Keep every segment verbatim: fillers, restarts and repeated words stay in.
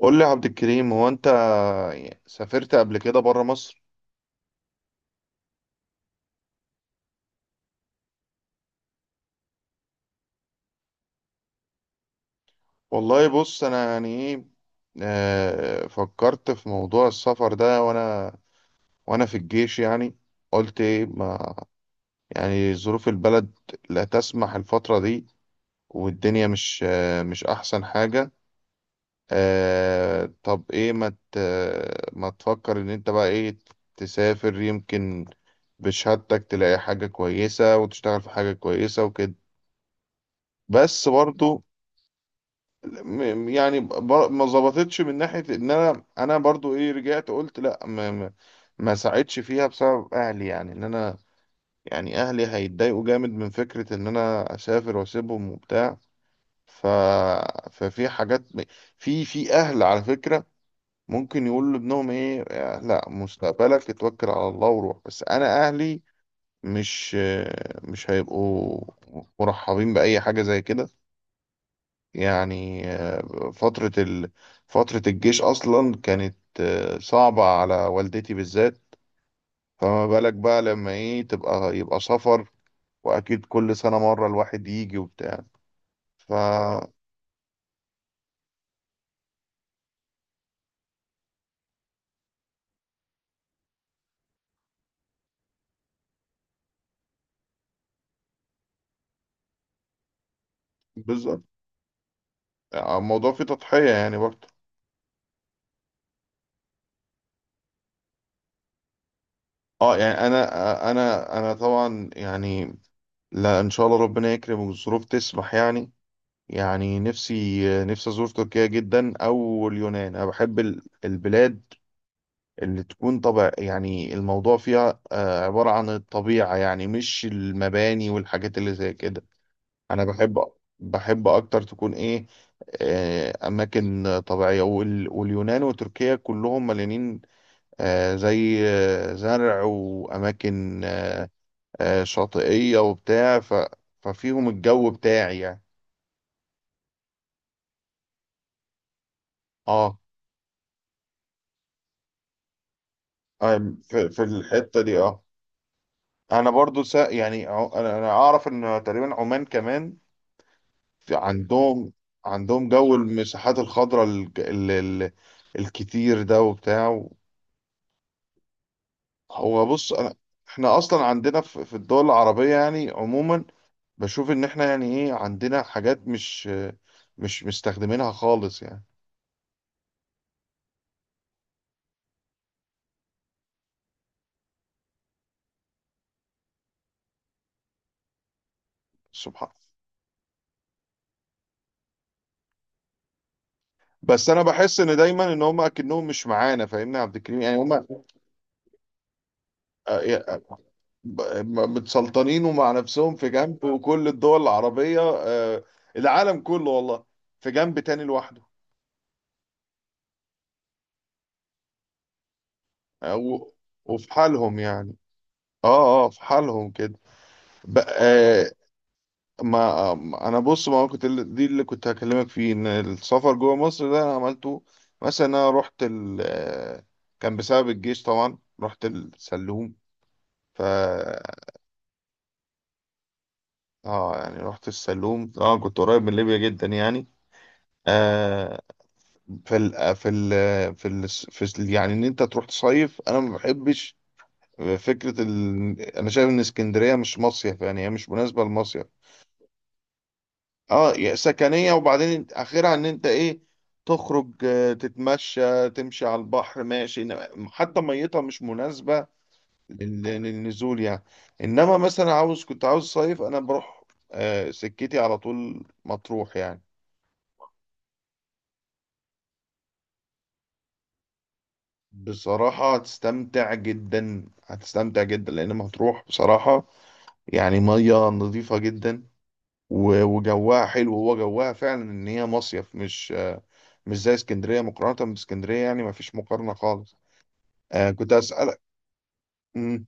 قول لي يا عبد الكريم، هو انت سافرت قبل كده بره مصر؟ والله بص، انا يعني ايه. آه، فكرت في موضوع السفر ده، وانا وانا في الجيش، يعني قلت ايه. ما يعني ظروف البلد لا تسمح الفترة دي، والدنيا مش آه، مش احسن حاجة. آه، طب ايه، ما ت- ما تفكر ان انت بقى ايه، تسافر يمكن، بشهادتك تلاقي حاجة كويسة وتشتغل في حاجة كويسة وكده. بس برضو، م- يعني ب- ما ظبطتش من ناحية ان انا، انا برضو ايه، رجعت قلت لا. ما ما ما ساعدش فيها بسبب اهلي، يعني ان انا، يعني اهلي هيتضايقوا جامد من فكرة ان انا اسافر واسيبهم وبتاع. ف ففي حاجات، في في اهل على فكرة ممكن يقول لابنهم ايه: لا، مستقبلك اتوكل على الله وروح. بس انا اهلي مش مش هيبقوا مرحبين بأي حاجة زي كده. يعني آه، فترة ال... فترة الجيش أصلا كانت آه، صعبة على والدتي بالذات، فما بالك بقى لما إيه تبقى يبقى سفر، وأكيد كل سنة مرة الواحد يجي وبتاع. ف بالظبط. يعني الموضوع فيه تضحية يعني برضه. اه يعني، أنا أنا أنا طبعا يعني، لا، إن شاء الله ربنا يكرم والظروف تسمح يعني. يعني نفسي نفسي أزور تركيا جدا، أو اليونان. أنا بحب ال- البلاد اللي تكون طبع، يعني الموضوع فيها آه، عبارة عن الطبيعة، يعني مش المباني والحاجات اللي زي كده. أنا بحب بحب أكتر تكون إيه آه، أماكن طبيعية، وال- واليونان وتركيا كلهم مليانين آه، زي آه، زرع وأماكن آه، آه، شاطئية وبتاع ف- ففيهم الجو بتاعي يعني. اه آه، في في الحتة دي، اه. انا برضو، سا يعني عو- انا أنا اعرف ان تقريبا عمان كمان، في- عندهم عندهم جو المساحات الخضراء، ال- ال- ال- الكتير ده وبتاع. هو بص، أنا احنا اصلا عندنا في في الدول العربية يعني عموما، بشوف ان احنا يعني ايه عندنا حاجات مش مش مستخدمينها خالص يعني. سبحان بس انا بحس ان دايما ان هم اكنهم مش معانا، فاهمني يا عبد الكريم، يعني هم آه، آه، ب- متسلطنين ومع نفسهم في جنب، وكل الدول العربية آه، العالم كله والله في جنب تاني لوحده. آه، و- وفي حالهم يعني. اه اه، في حالهم كده. ب- آه ما آه، ما- انا بص، ما كنت ال- دي اللي كنت هكلمك فيه، ان السفر جوه مصر ده انا عملته. مثلا انا رحت ال آه، كان بسبب الجيش طبعا، رحت السلوم. ف اه يعني رحت السلوم طبعا، كنت قريب من ليبيا جدا يعني. آه في ال في ال في ال في ال- يعني ان انت تروح تصيف، انا ما بحبش فكرة ال... أنا شايف إن اسكندرية مش مصيف، يعني هي مش مناسبة للمصيف. اه يعني سكنية، وبعدين اخرها ان انت ايه، تخرج آه، تتمشى تمشي على البحر ماشي، إنما- حتى ميتها مش مناسبة لل- للنزول يعني. انما مثلا، عاوز كنت عاوز صيف انا بروح آه، سكتي على طول مطروح يعني. بصراحة هتستمتع جدا، هتستمتع جدا، لان مطروح بصراحة يعني مية نظيفة جدا، و- وجوها حلو، هو جوها فعلا ان هي مصيف، مش مش زي اسكندرية، مقارنة باسكندرية يعني مفيش مقارنة خالص. آه كنت أسألك. مم.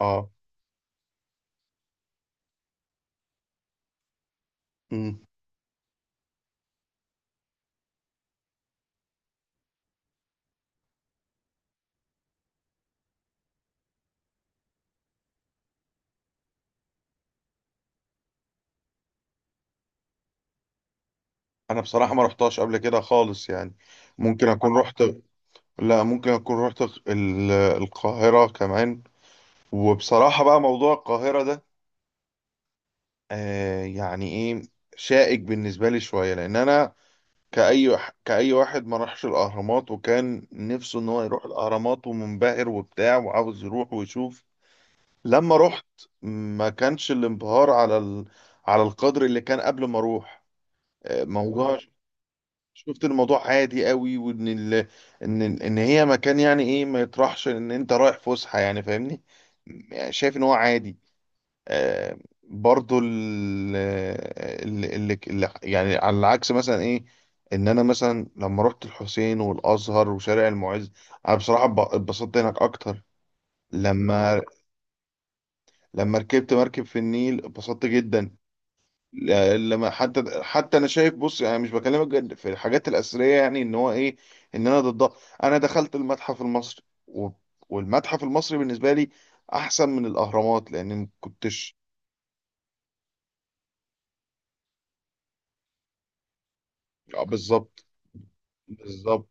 اه. مم. انا بصراحة ما رحتهاش قبل كده خالص يعني. ممكن اكون رحت لا، ممكن اكون رحت ال- القاهرة كمان. وبصراحة بقى موضوع القاهرة ده، آه يعني ايه، شائك بالنسبة لي شوية لان انا، كأي كأي واحد ما راحش الاهرامات، وكان نفسه ان هو يروح الاهرامات ومنبهر وبتاع وعاوز يروح ويشوف. لما رحت ما كانش الانبهار على ال... على القدر اللي كان قبل ما اروح. آه، موضوع شفت الموضوع عادي قوي، وان ال... ان ان هي مكان يعني ايه، ما يطرحش ان انت رايح فسحه يعني، فاهمني. يعني شايف ان هو عادي. آه برضو ال... ال... ال... ال... يعني على العكس مثلا ايه، ان انا مثلا لما رحت الحسين والازهر وشارع المعز، انا بصراحه ب- اتبسطت هناك اكتر. لما لما ركبت مركب في النيل اتبسطت جدا. لا- لما حتى حتى انا شايف بص، يعني مش بكلمك جد في الحاجات الاثريه، يعني ان هو ايه، ان انا ضدها. انا دخلت المتحف المصري، و- والمتحف المصري بالنسبه لي احسن من الاهرامات، لان ما كنتش. آه، بالظبط، بالظبط.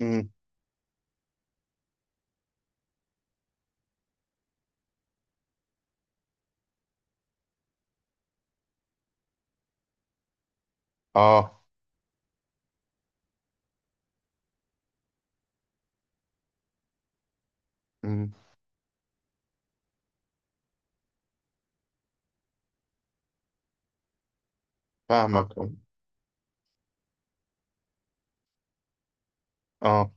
امم. اه. امم. آه. فاهمك. اه.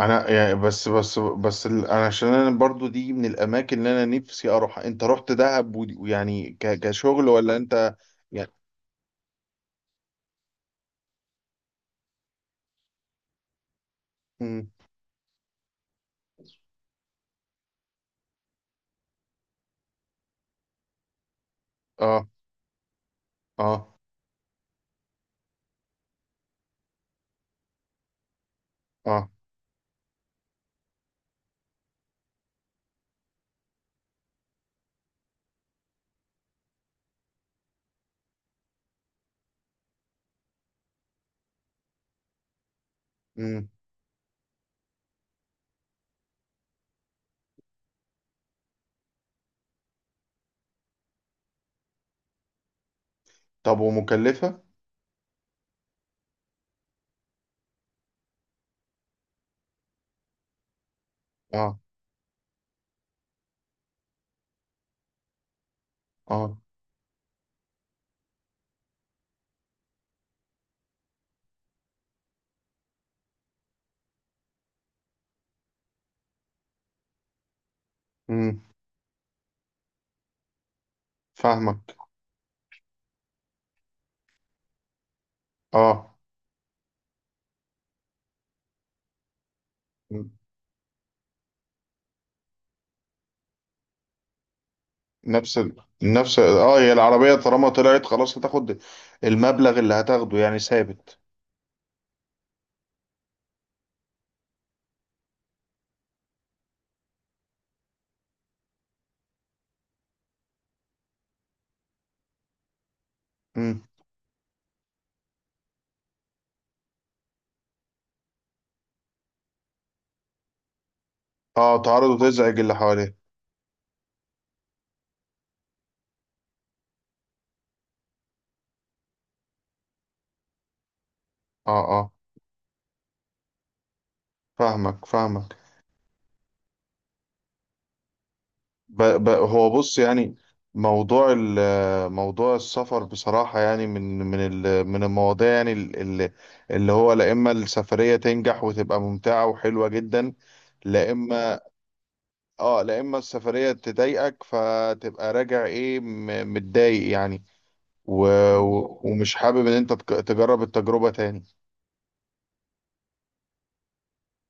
انا يعني، بس بس بس ال- انا عشان انا برضو دي من الاماكن اللي انا نفسي اروح. انت رحت دهب ودي- ويعني ك- كشغل ولا انت؟ يعني. امم. اه اه اه. طب ومكلفة؟ اه. اه. امم. فاهمك. اه. مم. نفس ال... نفس اه هي العربية طالما طلعت خلاص هتاخد المبلغ اللي هتاخده، يعني ثابت. امم. اه، تعرض وتزعج اللي حواليه. اه. اه، فاهمك، فاهمك. ب... ب... هو بص يعني، موضوع ال... موضوع السفر بصراحة، يعني من من ال... من المواضيع يعني، اللي, اللي هو، لا اما السفرية تنجح وتبقى ممتعة وحلوة جدا، لا اما اه لا اما السفرية تضايقك، فتبقى راجع ايه م- متضايق يعني. و... و- ومش حابب ان انت تك- تجرب التجربة تاني.